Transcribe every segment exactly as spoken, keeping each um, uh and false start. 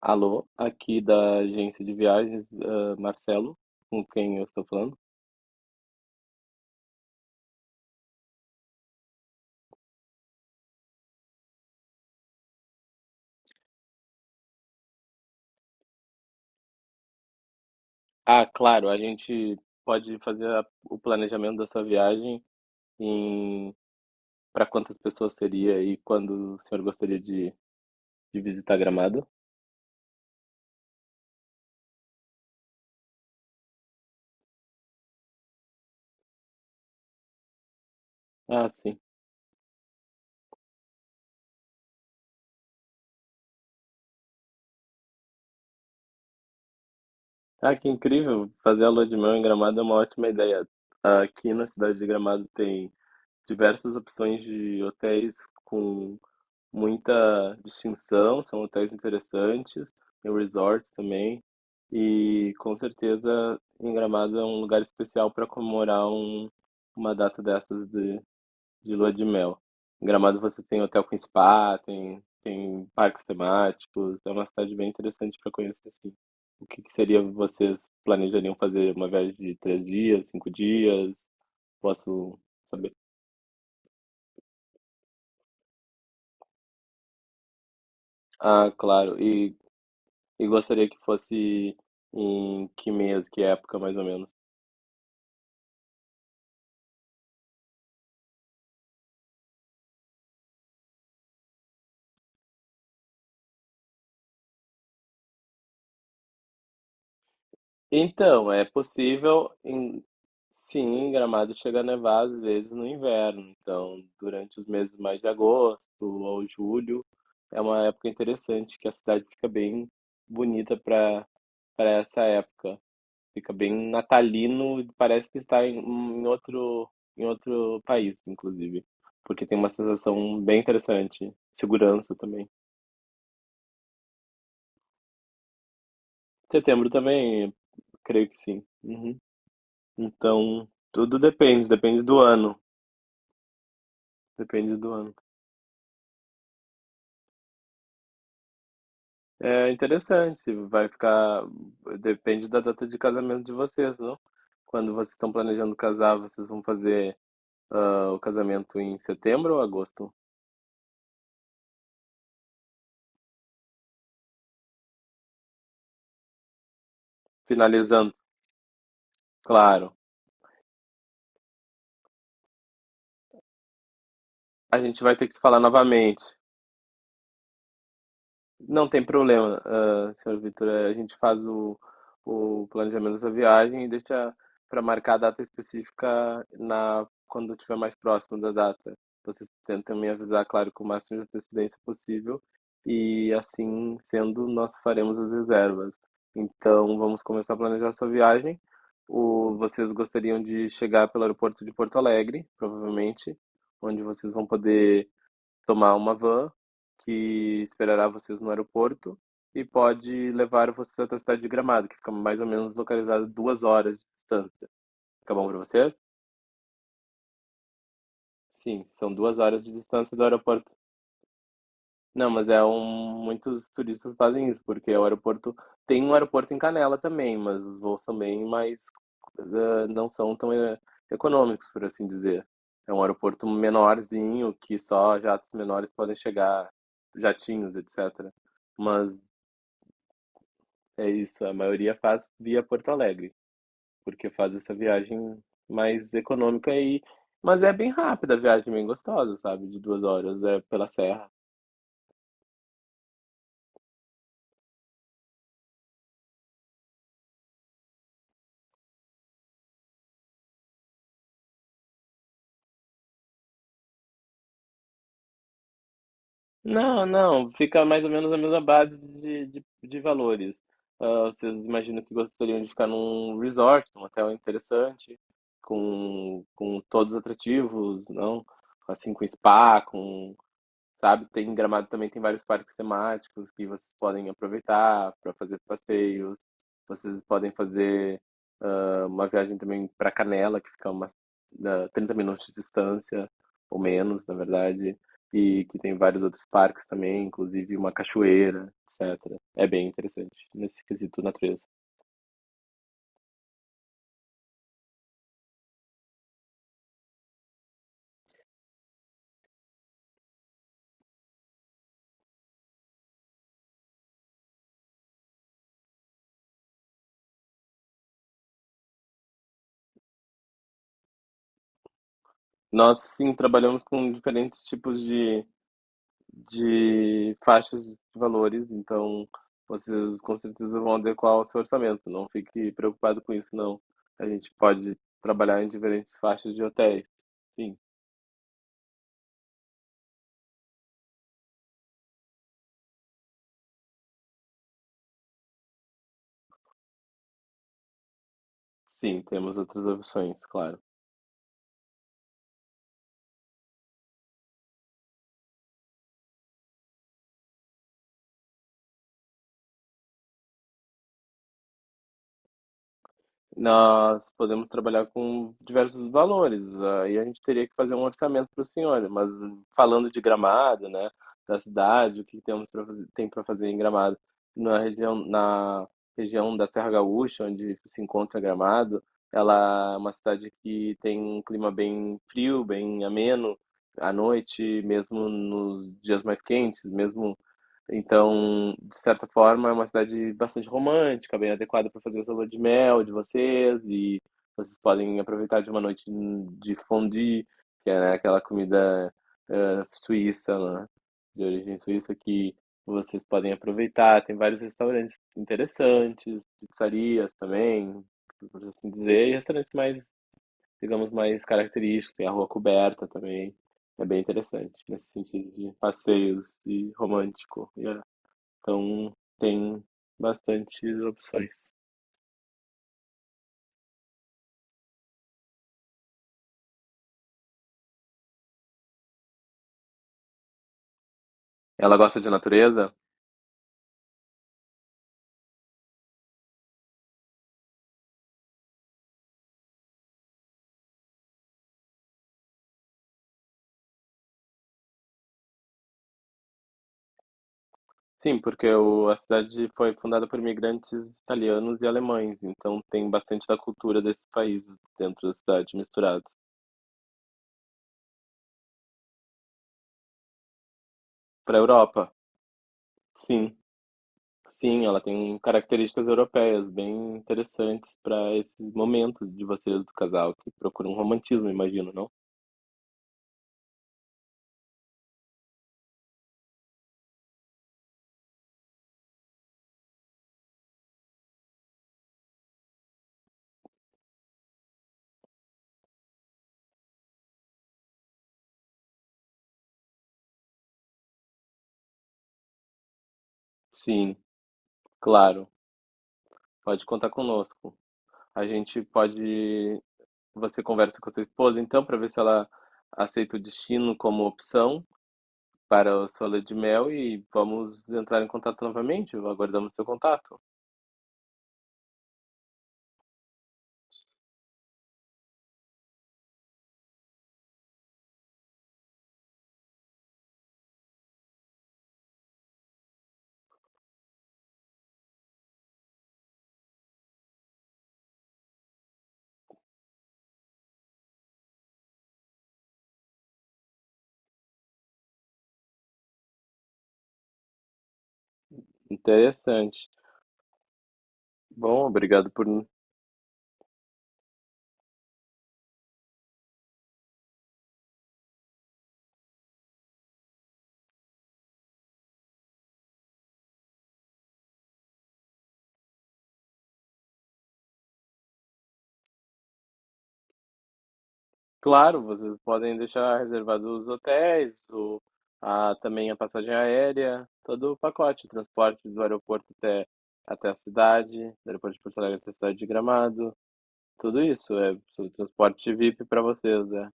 Alô, aqui da agência de viagens, ah, Marcelo, com quem eu estou falando. Ah, claro, a gente pode fazer a- o planejamento da sua viagem em para quantas pessoas seria e quando o senhor gostaria de, de visitar Gramado? Ah, sim. Ah, que incrível! Fazer a lua de mel em Gramado é uma ótima ideia. Aqui na cidade de Gramado tem diversas opções de hotéis com muita distinção, são hotéis interessantes, tem resorts também. E com certeza em Gramado é um lugar especial para comemorar um- uma data dessas de, de lua de mel. Em Gramado você tem hotel com spa, tem, tem parques temáticos, é uma cidade bem interessante para conhecer assim. O que que seria vocês planejariam fazer uma viagem de três dias, cinco dias? Posso saber? Ah, claro. E E gostaria que fosse em que mês, que época, mais ou menos? Então, é possível, em- sim, em Gramado chega a nevar às vezes no inverno. Então, durante os meses mais de agosto ou julho, é uma época interessante que a cidade fica bem bonita para para essa época. Fica bem natalino, parece que está em, em outro em outro país, inclusive, porque tem uma sensação bem interessante. Segurança também. Setembro também. Creio que sim. Uhum. Então, tudo depende, depende do ano. Depende do ano. É interessante, vai ficar. Depende da data de casamento de vocês, não? Quando vocês estão planejando casar, vocês vão fazer ah, o casamento em setembro ou agosto? Finalizando, claro. A gente vai ter que se falar novamente. Não tem problema, ah, senhor Vitor. Eh, A gente faz o, o planejamento dessa viagem e deixa para marcar a data específica na, quando estiver mais próximo da data. Vocês tentam me avisar, claro, com o máximo de antecedência possível e assim sendo, nós faremos as reservas. Então, vamos começar a planejar sua viagem. O, vocês gostariam de chegar pelo aeroporto de Porto Alegre, provavelmente, onde vocês vão poder tomar uma van que esperará vocês no aeroporto e pode levar vocês até a cidade de Gramado, que fica mais ou menos localizada duas horas de distância. Fica bom para vocês? Sim, são duas horas de distância do aeroporto. Não, mas é um. Muitos turistas fazem isso, porque o aeroporto. Tem um aeroporto em Canela também, mas os voos também mais. Eh, não são tão eh, econômicos, por assim dizer. É um aeroporto menorzinho, que só jatos menores podem chegar, jatinhos, etcétera. Mas é isso, a maioria faz via Porto Alegre, porque faz essa viagem mais econômica e. Mas é bem rápida a viagem, bem gostosa, sabe? De duas horas, é pela serra. Não, não, fica mais ou menos a mesma base de, de, de valores. Ah, vocês imaginam que gostariam de ficar num resort, num hotel interessante, com, com todos os atrativos, não? Assim, com spa, com sabe? Tem em Gramado também tem vários parques temáticos que vocês podem aproveitar para fazer passeios. Vocês podem fazer ah, uma viagem também para Canela, que fica umas ah, trinta minutos de distância, ou menos, na verdade, e que tem vários outros parques também, inclusive uma cachoeira, etcétera. É bem interessante nesse quesito natureza. Nós, sim, trabalhamos com diferentes tipos de de faixas de valores, então vocês com certeza vão adequar o seu orçamento. Não fique preocupado com isso, não. A gente pode trabalhar em diferentes faixas de hotéis. Sim, sim, temos outras opções, claro. Nós podemos trabalhar com diversos valores, aí a gente teria que fazer um orçamento para o senhor, mas falando de Gramado, né, da cidade, o que temos para fazer, tem para fazer em Gramado, na região, na região da Serra Gaúcha, onde se encontra Gramado, ela é uma cidade que tem um clima bem frio, bem ameno, à noite, mesmo nos dias mais quentes, mesmo então, de certa forma, é uma cidade bastante romântica, bem adequada para fazer essa lua de mel de vocês, e vocês podem aproveitar de uma noite de fondue, que é, né, aquela comida eh, suíça, né, de origem suíça, que vocês podem aproveitar. Tem vários restaurantes interessantes, pizzarias também, por assim dizer, e restaurantes mais, digamos, mais característicos. Tem a rua coberta também. É bem interessante, nesse sentido de passeios e romântico. E é então tem bastantes opções. Ela gosta de natureza? Sim, porque o, a cidade foi fundada por imigrantes italianos e alemães, então tem bastante da cultura desses países dentro da cidade misturado. Para a Europa, sim, sim, ela tem características europeias bem interessantes para esse momento de vocês do casal, que procuram um romantismo, imagino, não? Sim, claro, pode contar conosco. A gente pode você conversa com a sua esposa, então, para ver se ela aceita o destino como opção para a sua lua de mel e vamos entrar em contato novamente. Aguardamos seu contato. Interessante. Bom, obrigado por. Claro, vocês podem deixar reservados os hotéis, o... a... também a passagem aérea, todo o pacote, transporte do aeroporto até até a cidade, do aeroporto de Porto Alegre até a cidade de Gramado, tudo isso é o transporte V I P para vocês, é.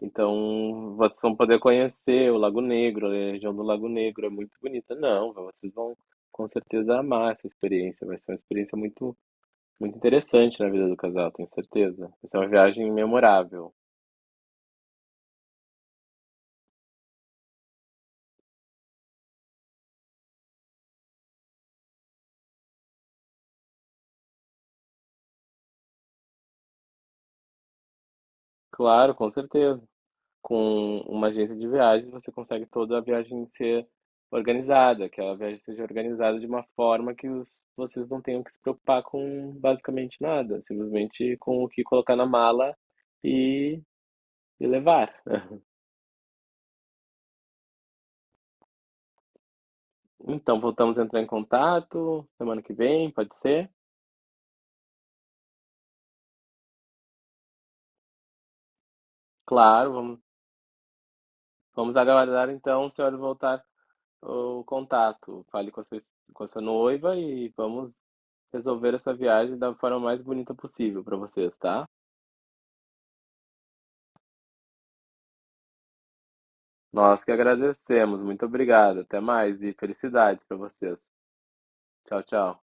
Então, vocês vão poder conhecer o Lago Negro, a região do Lago Negro é muito bonita. Não, vocês vão com certeza amar essa experiência. Vai ser uma experiência muito, muito interessante na vida do casal, tenho certeza. Vai ser uma viagem memorável. Claro, com certeza. Com uma agência de viagens, você consegue toda a viagem ser organizada, que a viagem seja organizada de uma forma que os, vocês não tenham que se preocupar com basicamente nada, simplesmente com o que colocar na mala e, e levar. Então, voltamos a entrar em contato semana que vem, pode ser? Claro, vamos, vamos aguardar então o senhor voltar o contato. Fale com a sua, com a sua noiva e vamos resolver essa viagem da forma mais bonita possível para vocês, tá? Nós que agradecemos. Muito obrigado. Até mais e felicidades para vocês. Tchau, tchau.